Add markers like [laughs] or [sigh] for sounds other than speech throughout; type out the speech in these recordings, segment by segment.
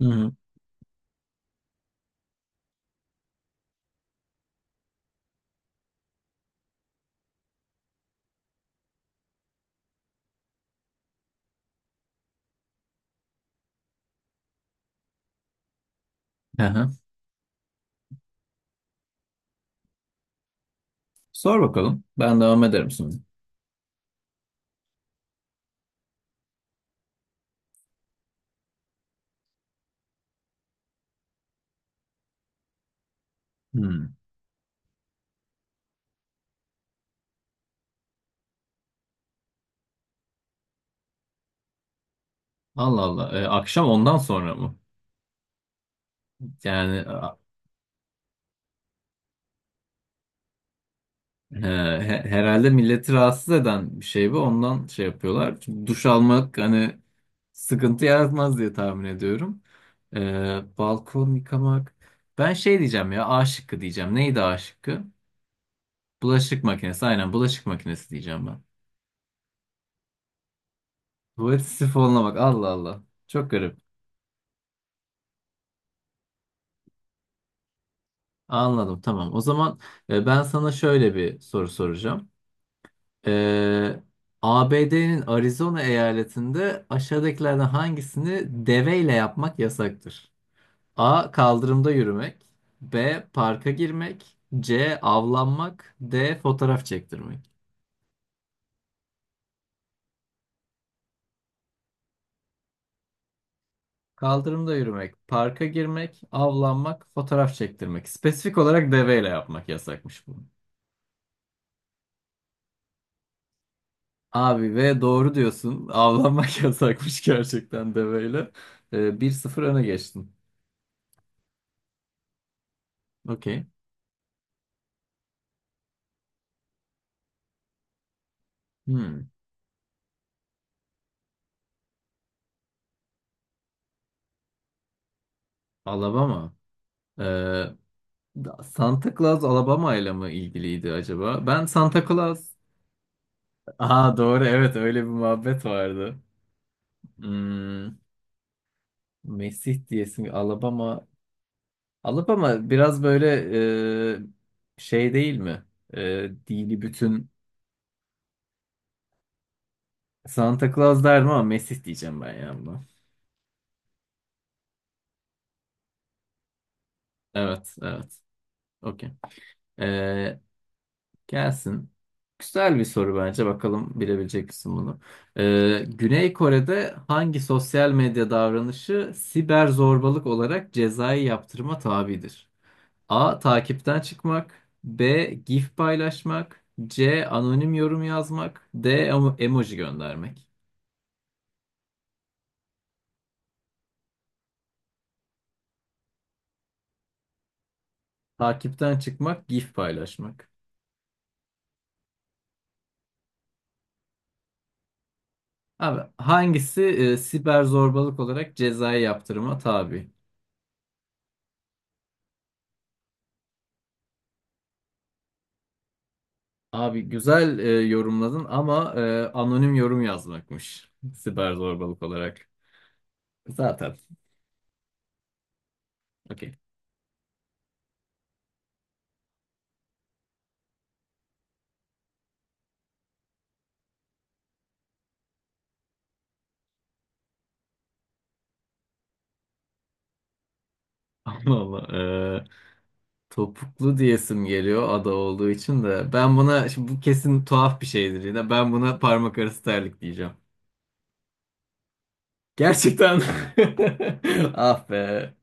Hı hı. Sor bakalım. Ben devam ederim şimdi. Hmm. Allah Allah. Akşam ondan sonra mı? Yani a- e, Herhalde milleti rahatsız eden bir şey bu. Ondan şey yapıyorlar. Çünkü duş almak hani sıkıntı yaratmaz diye tahmin ediyorum. Balkon yıkamak. Ben şey diyeceğim ya. A şıkkı diyeceğim. Neydi A şıkkı? Bulaşık makinesi. Aynen bulaşık makinesi diyeceğim ben. Tuvalet sifonuna bak. Allah Allah. Çok garip. Anladım, tamam. O zaman ben sana şöyle bir soru soracağım. E, ABD'nin Arizona eyaletinde aşağıdakilerden hangisini deveyle yapmak yasaktır? A. Kaldırımda yürümek. B. Parka girmek. C. Avlanmak. D. Fotoğraf çektirmek. Kaldırımda yürümek, parka girmek, avlanmak, fotoğraf çektirmek. Spesifik olarak deveyle yapmak yasakmış bu. Abi ve doğru diyorsun. Avlanmak [laughs] yasakmış gerçekten deveyle. 1-0 öne geçtin. Okey. Hmm. Alabama. Ee, Santa Claus Alabama ile mi ilgiliydi acaba? Ben Santa Claus. Aa, doğru, evet, öyle bir muhabbet vardı. Hmm. Mesih diyesin Alabama. Alabama biraz böyle şey değil mi? Dini bütün Santa Claus derdim ama Mesih diyeceğim ben ya buna. Evet, evet. Okey. Ee, Gelsin. Güzel bir soru bence. Bakalım bilebilecek misin bunu? Güney Kore'de hangi sosyal medya davranışı siber zorbalık olarak cezai yaptırıma tabidir? A. Takipten çıkmak. B. GIF paylaşmak. C. Anonim yorum yazmak. D. Emoji göndermek. Takipten çıkmak, GIF paylaşmak. Abi hangisi siber zorbalık olarak cezai yaptırıma tabi? Abi güzel yorumladın ama anonim yorum yazmakmış. Siber zorbalık olarak. Zaten. Okey. [laughs] Allah Allah. E, Topuklu diyesim geliyor ada olduğu için de. Şimdi bu kesin tuhaf bir şeydir yine. Ben buna parmak arası terlik diyeceğim. Gerçekten. [laughs] Ah be.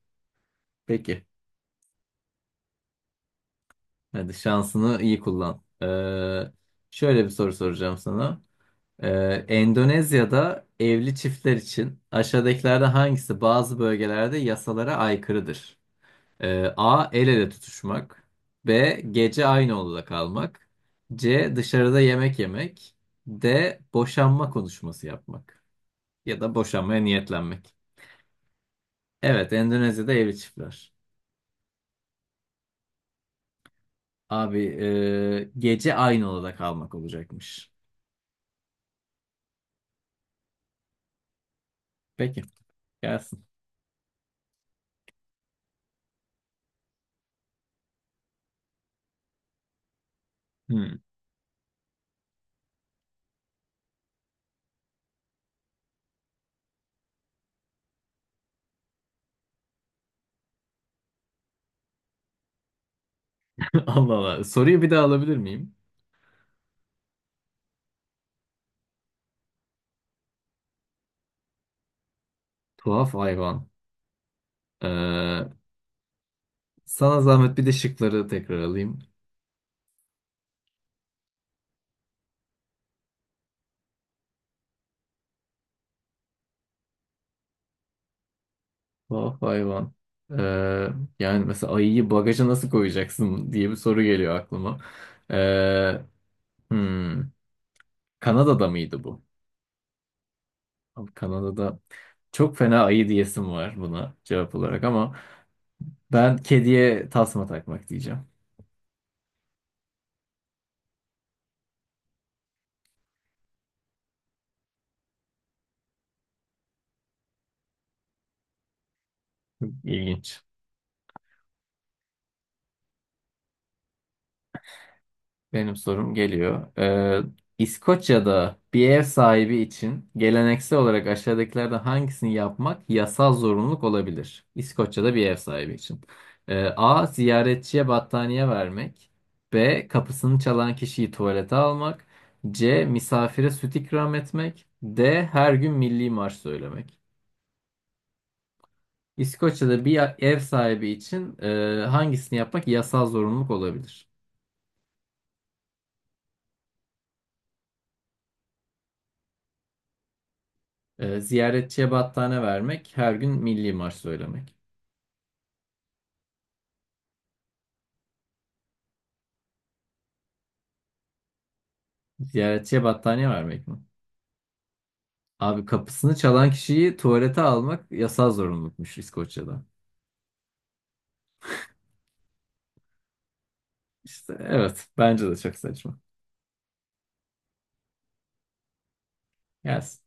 Peki. Hadi şansını iyi kullan. Şöyle bir soru soracağım sana. Endonezya'da evli çiftler için aşağıdakilerden hangisi bazı bölgelerde yasalara aykırıdır? A. El ele tutuşmak. B. Gece aynı odada kalmak. C. Dışarıda yemek yemek. D. Boşanma konuşması yapmak. Ya da boşanmaya niyetlenmek. Evet, Endonezya'da evli çiftler. Abi gece aynı odada kalmak olacakmış. Peki, gelsin. Hmm. [laughs] Allah Allah. Soruyu bir daha alabilir miyim? Tuhaf hayvan. Ee, Sana zahmet bir de şıkları tekrar alayım. Oh hayvan. Ee, Yani mesela ayıyı bagaja nasıl koyacaksın diye bir soru geliyor aklıma. Ee, hmm, Kanada'da mıydı bu? Abi Kanada'da çok fena ayı diyesim var buna cevap olarak ama ben kediye tasma takmak diyeceğim. İlginç. Benim sorum geliyor. İskoçya'da bir ev sahibi için geleneksel olarak aşağıdakilerden hangisini yapmak yasal zorunluluk olabilir? İskoçya'da bir ev sahibi için. A. Ziyaretçiye battaniye vermek. B. Kapısını çalan kişiyi tuvalete almak. C. Misafire süt ikram etmek. D. Her gün milli marş söylemek. İskoçya'da bir ev sahibi için hangisini yapmak yasal zorunluluk olabilir? Ziyaretçiye battaniye vermek, her gün milli marş söylemek. Ziyaretçiye battaniye vermek mi? Abi kapısını çalan kişiyi tuvalete almak yasal zorunlulukmuş İskoçya'da. İşte evet, bence de çok saçma. Gelsin.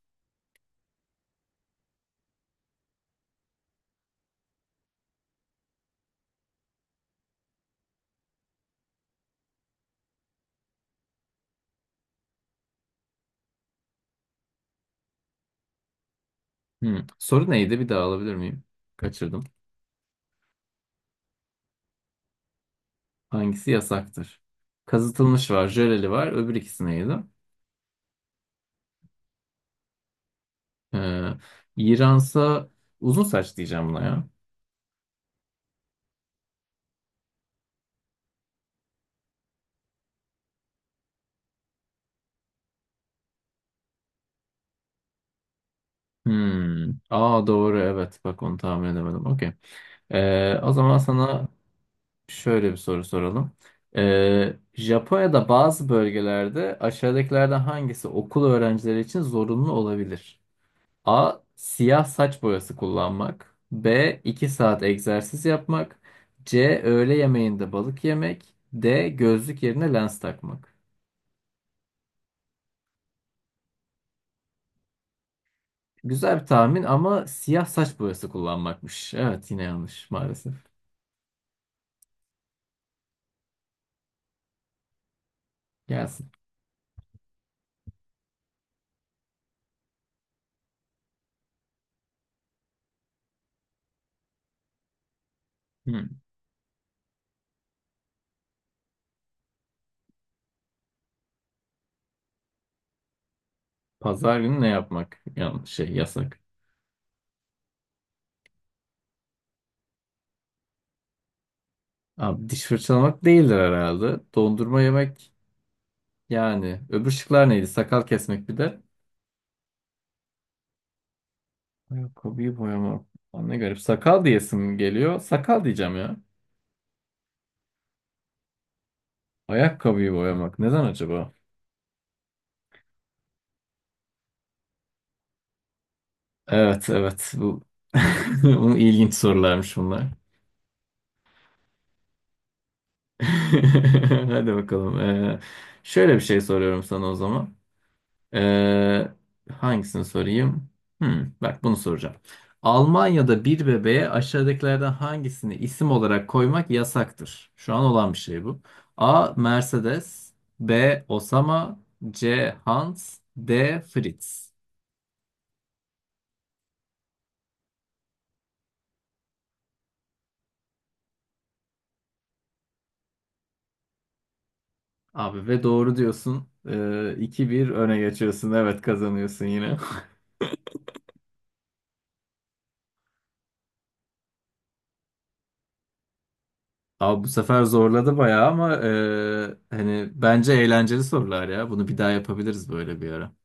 Hmm. Soru neydi, bir daha alabilir miyim? Kaçırdım. Hangisi yasaktır? Kazıtılmış var, jöleli var. Öbür ikisi neydi? Ee, İransa uzun saç diyeceğim buna ya. Hmm. Aa, doğru, evet, bak onu tahmin edemedim. Okey. O zaman sana şöyle bir soru soralım. Japonya'da bazı bölgelerde aşağıdakilerden hangisi okul öğrencileri için zorunlu olabilir? A. Siyah saç boyası kullanmak. B. 2 saat egzersiz yapmak. C. Öğle yemeğinde balık yemek. D. Gözlük yerine lens takmak. Güzel bir tahmin ama siyah saç boyası kullanmakmış. Evet, yine yanlış maalesef. Gelsin. Hmm. Pazar günü ne yapmak? Yanlış şey yasak. Abi diş fırçalamak değildir herhalde. Dondurma yemek yani. Öbür şıklar neydi? Sakal kesmek bir de. Ayakkabıyı boyamak. Lan ne garip. Sakal diyesim geliyor. Sakal diyeceğim ya. Ayakkabıyı boyamak. Neden acaba? Evet, evet. [laughs] Bu ilginç sorularmış bunlar. [laughs] Hadi bakalım. Şöyle bir şey soruyorum sana o zaman. Ee, Hangisini sorayım? Hmm, bak bunu soracağım. Almanya'da bir bebeğe aşağıdakilerden hangisini isim olarak koymak yasaktır? Şu an olan bir şey bu. A. Mercedes. B. Osama. C. Hans. D. Fritz. Abi ve doğru diyorsun. 2-1 öne geçiyorsun. Evet, kazanıyorsun yine. [laughs] Abi bu sefer zorladı bayağı ama hani bence eğlenceli sorular ya. Bunu bir daha yapabiliriz böyle bir ara.